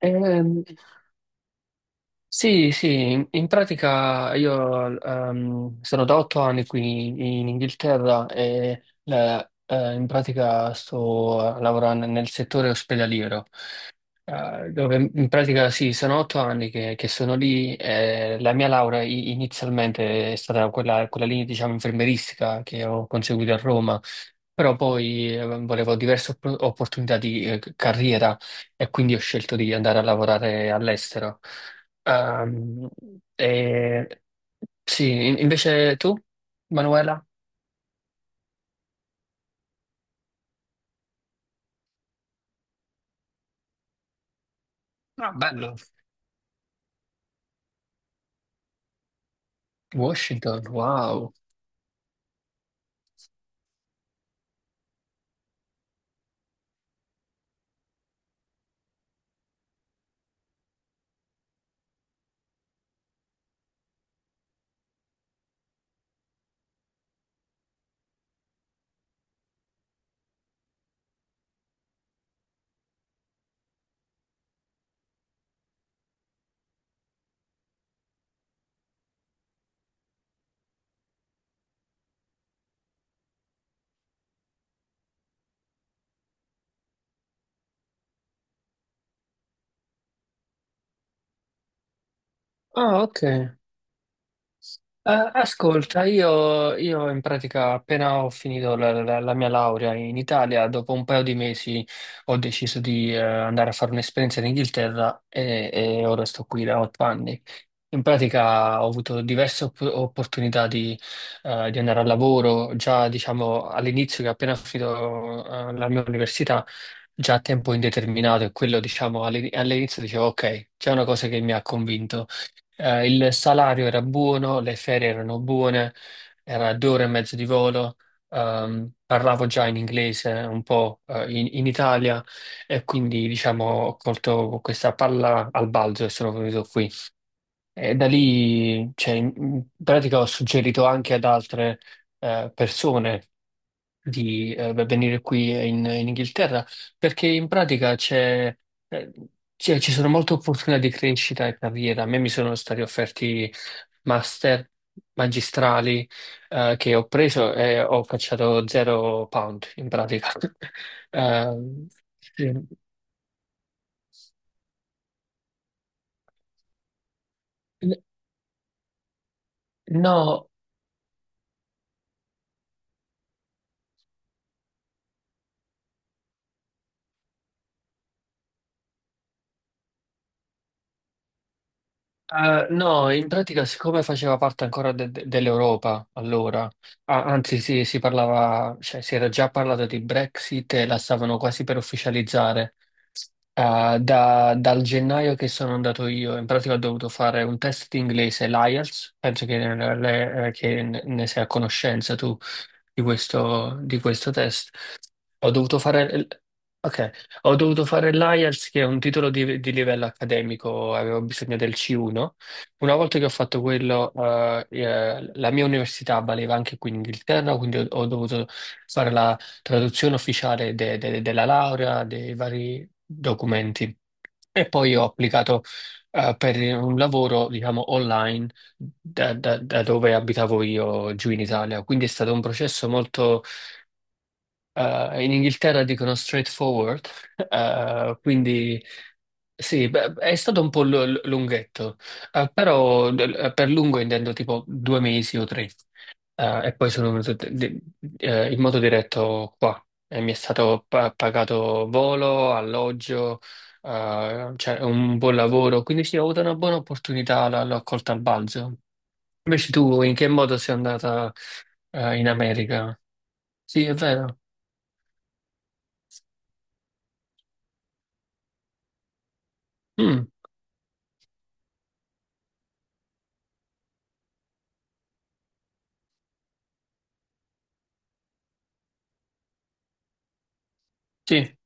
Ehm, sì, sì, in pratica io sono da otto anni qui in Inghilterra e in pratica sto lavorando nel settore ospedaliero. Dove in pratica sì, sono otto anni che sono lì. La mia laurea inizialmente è stata quella, quella linea, diciamo, infermieristica che ho conseguito a Roma, però poi volevo diverse opportunità di carriera e quindi ho scelto di andare a lavorare all'estero. Ehm, e- sì, invece tu, Manuela? Ah, bello. Washington, wow. Ah, ok. Ascolta, io in pratica appena ho finito la mia laurea in Italia, dopo un paio di mesi ho deciso di andare a fare un'esperienza in Inghilterra e ora sto qui da otto anni. In pratica ho avuto diverse opportunità di andare al lavoro, già diciamo all'inizio che appena ho finito la mia università, già a tempo indeterminato e quello diciamo all'inizio dicevo ok, c'è una cosa che mi ha convinto. Il salario era buono, le ferie erano buone, era due ore e mezzo di volo, parlavo già in inglese un po', in Italia e quindi diciamo ho colto questa palla al balzo e sono venuto qui. E da lì, cioè, in pratica ho suggerito anche ad altre, persone di beh, venire qui in Inghilterra, perché in pratica eh, ci sono molte opportunità di crescita e carriera. A me mi sono stati offerti master magistrali che ho preso e ho cacciato zero pound in pratica. Eh, sì. No. No, in pratica, siccome faceva parte ancora dell'Europa allora, anzi sì, si parlava, cioè si era già parlato di Brexit e la stavano quasi per ufficializzare. Dal gennaio che sono andato io, in pratica ho dovuto fare un test di inglese, l'IELTS, penso che ne sei a conoscenza tu di questo test. Ho dovuto fare, l- Ok, ho dovuto fare l'IELTS, che è un titolo di livello accademico, avevo bisogno del C1. Una volta che ho fatto quello, la mia università valeva anche qui in Inghilterra, quindi ho dovuto fare la traduzione ufficiale della laurea, dei vari documenti. E poi ho applicato per un lavoro, diciamo, online da, da dove abitavo io giù in Italia. Quindi è stato un processo molto, in Inghilterra dicono straightforward, quindi sì, beh, è stato un po' lunghetto, però per lungo intendo tipo due mesi o tre. E poi sono venuto in modo diretto qua. E mi è stato pagato volo, alloggio, cioè un buon lavoro, quindi sì, ho avuto una buona opportunità, l'ho colta al balzo. Invece tu in che modo sei andata in America? Sì, è vero. Mm, sì,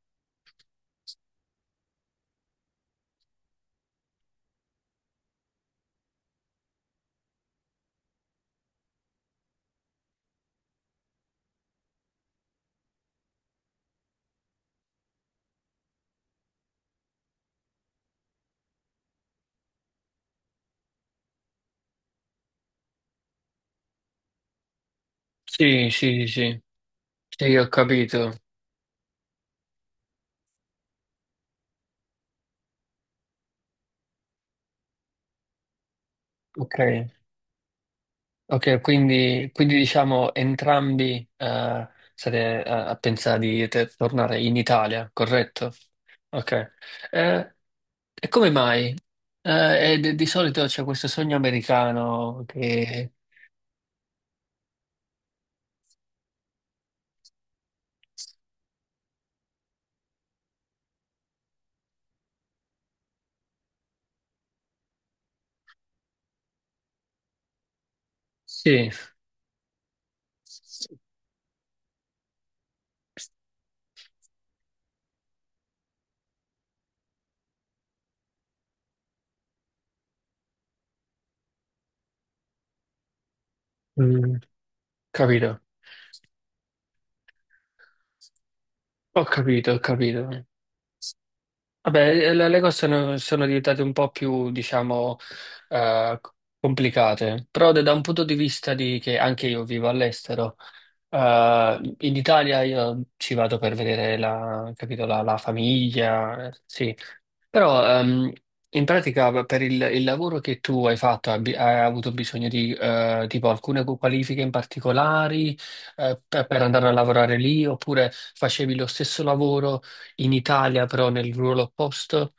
sì, sì, sì, sì, ho capito. Ok, ok, quindi, quindi diciamo entrambi state a pensare di tornare in Italia, corretto? Ok. Eh, e come mai? E di solito c'è questo sogno americano che... Sì, sì. Mm, capito, ho capito, ho capito. Vabbè, le cose sono, sono diventate un po' più, diciamo, eh, complicate, però da un punto di vista di che anche io vivo all'estero, eh, in Italia io ci vado per vedere la, capito, la, la famiglia, sì, però in pratica beh, per il lavoro che tu hai fatto hai avuto bisogno di tipo alcune qualifiche in particolari per andare a lavorare lì oppure facevi lo stesso lavoro in Italia però nel ruolo opposto?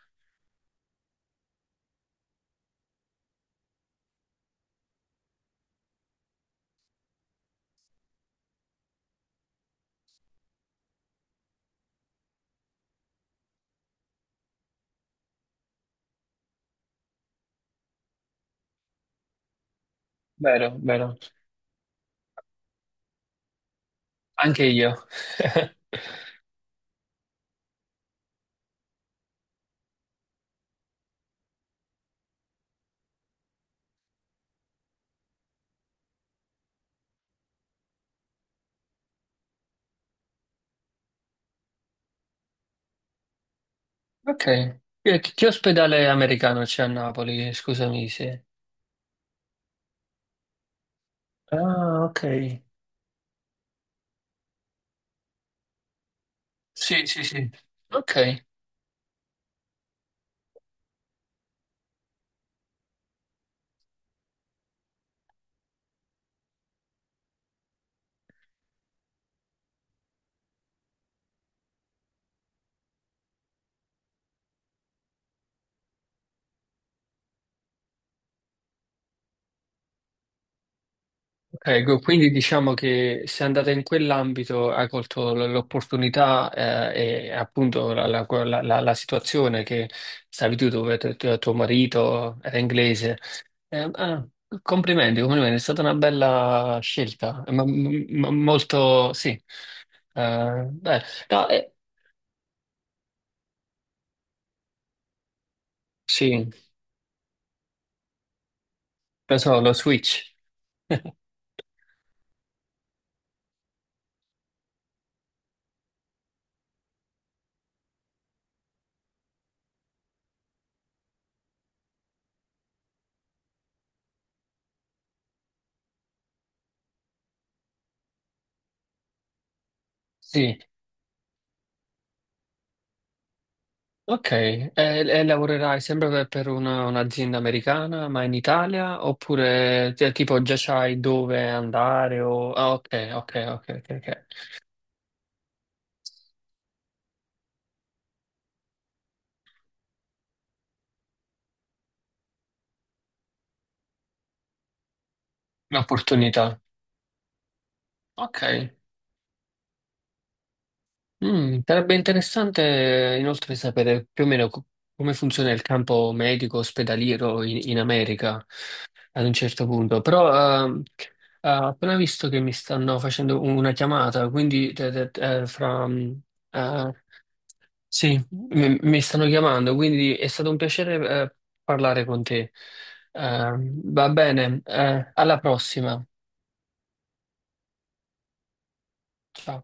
Vero, vero, anche io. Ok. Che ospedale americano c'è a Napoli? Scusami se... Ah, ok. Sì, sì, sì. Ok. Ecco, quindi diciamo che se andate in quell'ambito hai colto l'opportunità e appunto la situazione che stavi tu dove tuo marito era inglese. Eh, ah, Complimenti, complimenti, è stata una bella scelta, molto sì. Beh, no, sì, penso lo switch. Sì. Ok, e lavorerai sempre per un'azienda americana, ma in Italia? Oppure cioè, tipo già sai dove andare? O... Ah, ok, ok, ok, ok, ok. L'opportunità. Ok. Mm, sarebbe interessante inoltre sapere più o meno come funziona il campo medico ospedaliero in, in America ad un certo punto. Però ho appena visto che mi stanno facendo una chiamata, quindi fra... eh, sì, mi stanno chiamando, quindi è stato un piacere, parlare con te. Eh, Va bene, alla prossima. Ciao.